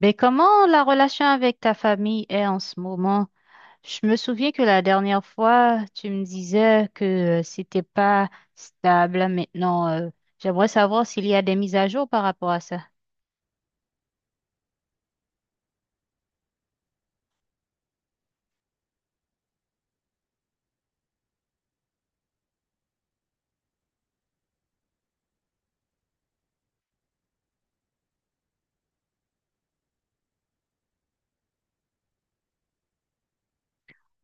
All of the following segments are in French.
Mais comment la relation avec ta famille est en ce moment? Je me souviens que la dernière fois, tu me disais que c'était pas stable, hein. Maintenant, j'aimerais savoir s'il y a des mises à jour par rapport à ça.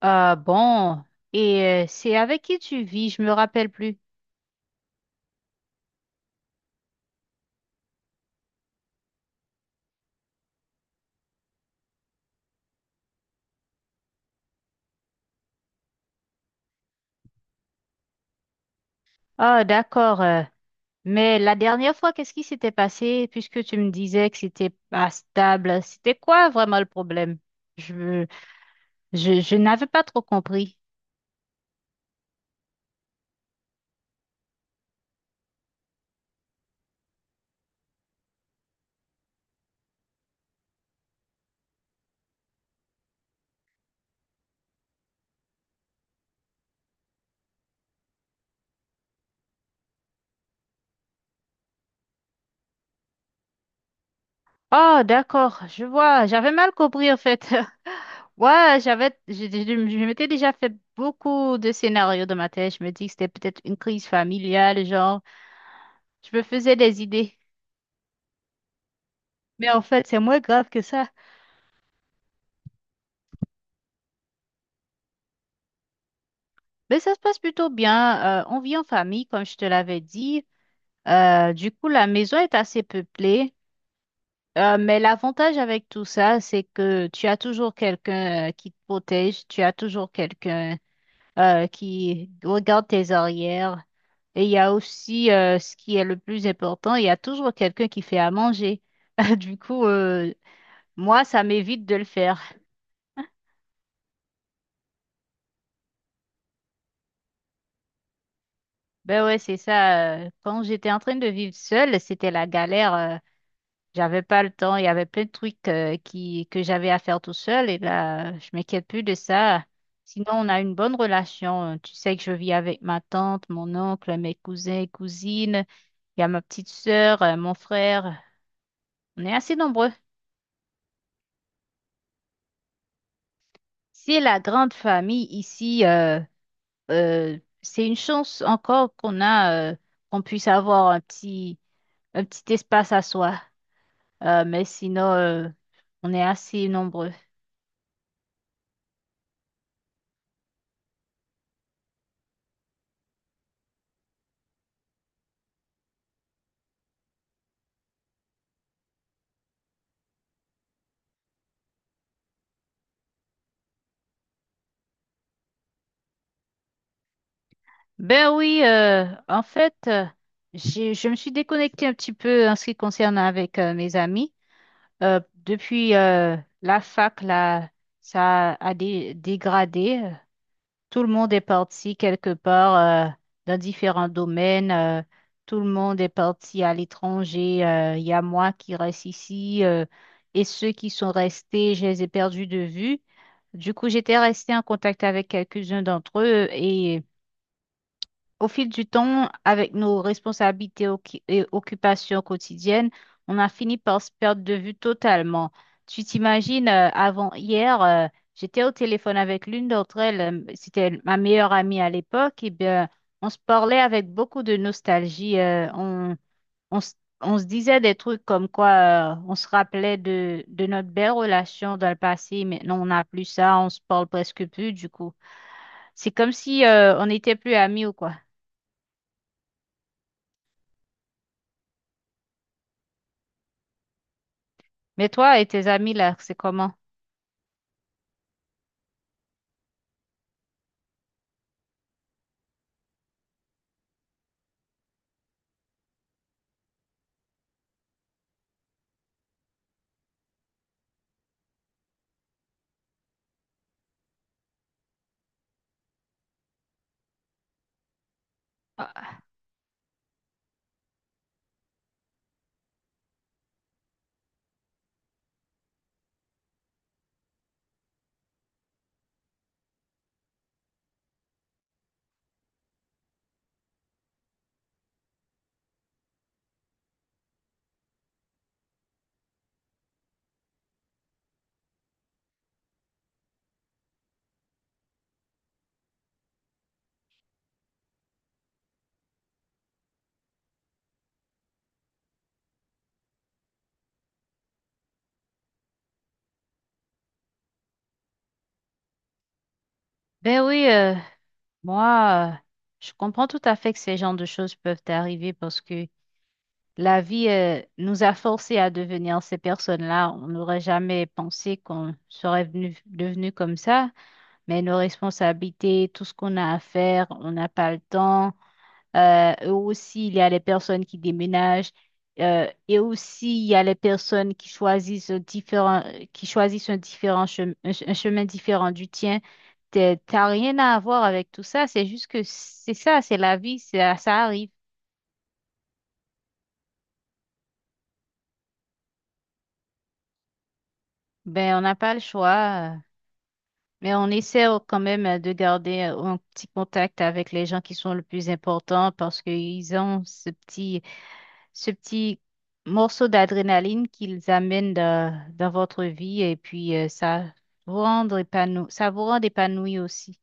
Ah bon, et c'est avec qui tu vis? Je me rappelle plus. Ah d'accord. Mais la dernière fois, qu'est-ce qui s'était passé puisque tu me disais que c'était pas stable? C'était quoi vraiment le problème? Je n'avais pas trop compris. Oh, d'accord, je vois. J'avais mal compris en fait. Ouais, je m'étais déjà fait beaucoup de scénarios dans ma tête. Je me dis que c'était peut-être une crise familiale, genre, je me faisais des idées. Mais en fait, c'est moins grave que ça. Mais ça se passe plutôt bien. On vit en famille, comme je te l'avais dit. Du coup, la maison est assez peuplée. Mais l'avantage avec tout ça, c'est que tu as toujours quelqu'un qui te protège, tu as toujours quelqu'un qui regarde tes arrières. Et il y a aussi ce qui est le plus important, il y a toujours quelqu'un qui fait à manger. Du coup, moi, ça m'évite de le faire. Ben ouais, c'est ça. Quand j'étais en train de vivre seule, c'était la galère. J'avais pas le temps, il y avait plein de trucs qui, que j'avais à faire tout seul et là, je m'inquiète plus de ça. Sinon, on a une bonne relation. Tu sais que je vis avec ma tante, mon oncle, mes cousins et cousines. Il y a ma petite sœur, mon frère. On est assez nombreux. C'est la grande famille ici. C'est une chance encore qu'on a, qu'on puisse avoir un petit espace à soi. Mais sinon, on est assez nombreux. Ben oui, en fait, je me suis déconnectée un petit peu en ce qui concerne avec mes amis. Euh, Depuis la fac, là, ça a dégradé. Tout le monde est parti quelque part dans différents domaines. Tout le monde est parti à l'étranger. Il y a moi qui reste ici et ceux qui sont restés, je les ai perdus de vue. Du coup, j'étais restée en contact avec quelques-uns d'entre eux et au fil du temps, avec nos responsabilités occupations quotidiennes, on a fini par se perdre de vue totalement. Tu t'imagines, avant hier, j'étais au téléphone avec l'une d'entre elles, c'était ma meilleure amie à l'époque, et bien, on se parlait avec beaucoup de nostalgie. On, se on se disait des trucs comme quoi, on se rappelait de notre belle relation dans le passé, maintenant on n'a plus ça, on se parle presque plus, du coup. C'est comme si, on n'était plus amis ou quoi. Mais toi et tes amis là, c'est comment? Ah, ben oui, moi, je comprends tout à fait que ces genres de choses peuvent arriver parce que la vie, nous a forcés à devenir ces personnes-là. On n'aurait jamais pensé qu'on serait venu, devenu comme ça, mais nos responsabilités, tout ce qu'on a à faire, on n'a pas le temps. Et aussi, il y a les personnes qui déménagent. Et aussi, il y a les personnes qui choisissent différents, qui choisissent un différent un chemin différent du tien. T'as rien à voir avec tout ça. C'est juste que c'est ça, c'est la vie, ça arrive. Ben, on n'a pas le choix. Mais on essaie quand même de garder un petit contact avec les gens qui sont le plus importants parce qu'ils ont ce petit morceau d'adrénaline qu'ils amènent dans, dans votre vie et puis ça vous rend épanoui, ça vous rend épanoui aussi.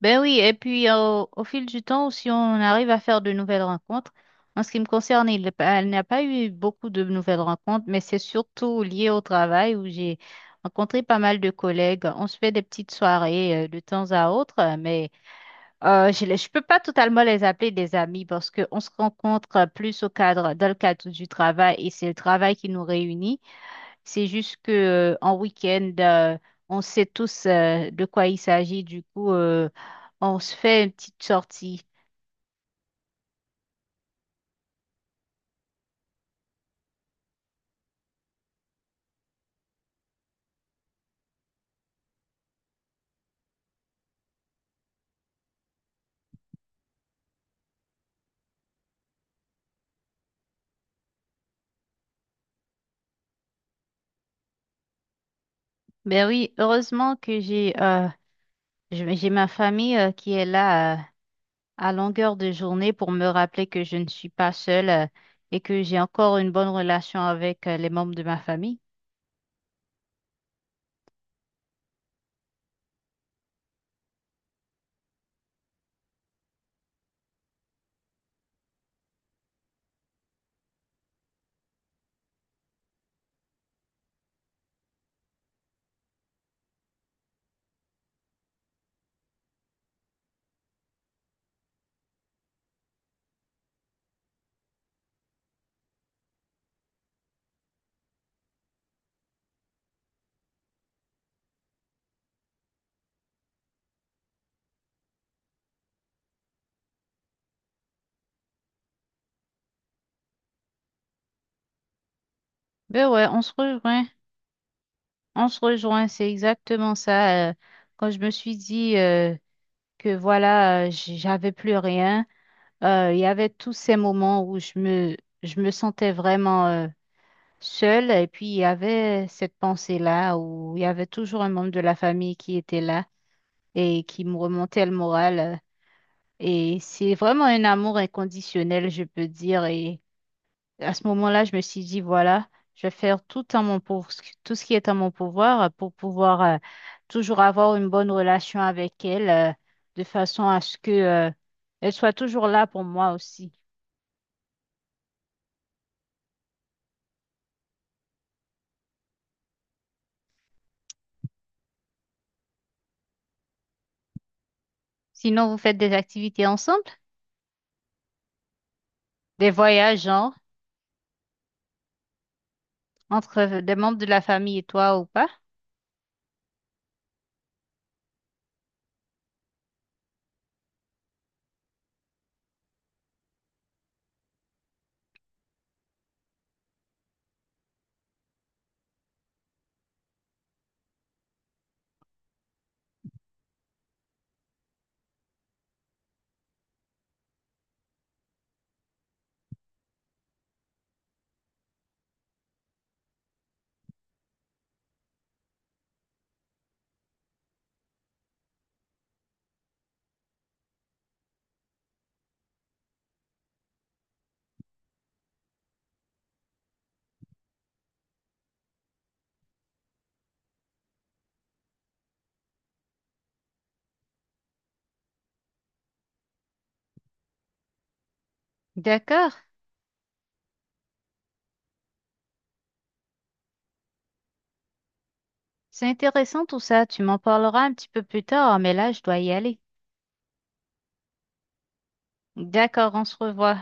Ben oui, et puis au fil du temps, si on arrive à faire de nouvelles rencontres, en ce qui me concerne, il, elle n'a pas eu beaucoup de nouvelles rencontres, mais c'est surtout lié au travail où j'ai rencontré pas mal de collègues. On se fait des petites soirées de temps à autre, mais je les, peux pas totalement les appeler des amis parce qu'on se rencontre plus au cadre, dans le cadre du travail et c'est le travail qui nous réunit. C'est juste que en week-end, on sait tous de quoi il s'agit. Du coup, on se fait une petite sortie. Mais oui, heureusement que j'ai je- j'ai ma famille qui est là à longueur de journée pour me rappeler que je ne suis pas seule et que j'ai encore une bonne relation avec les membres de ma famille. Ben ouais, on se rejoint. On se rejoint, c'est exactement ça. Quand je me suis dit que voilà, j'avais plus rien, il y avait tous ces moments où je me sentais vraiment seule et puis il y avait cette pensée-là où il y avait toujours un membre de la famille qui était là et qui me remontait le moral. Et c'est vraiment un amour inconditionnel, je peux dire. Et à ce moment-là, je me suis dit, voilà, je vais faire tout en mon pour, tout ce qui est en mon pouvoir pour pouvoir toujours avoir une bonne relation avec elle, de façon à ce que elle soit toujours là pour moi aussi. Sinon, vous faites des activités ensemble, des voyages, genre? Entre des membres de la famille et toi ou pas. D'accord. C'est intéressant tout ça. Tu m'en parleras un petit peu plus tard, mais là, je dois y aller. D'accord, on se revoit.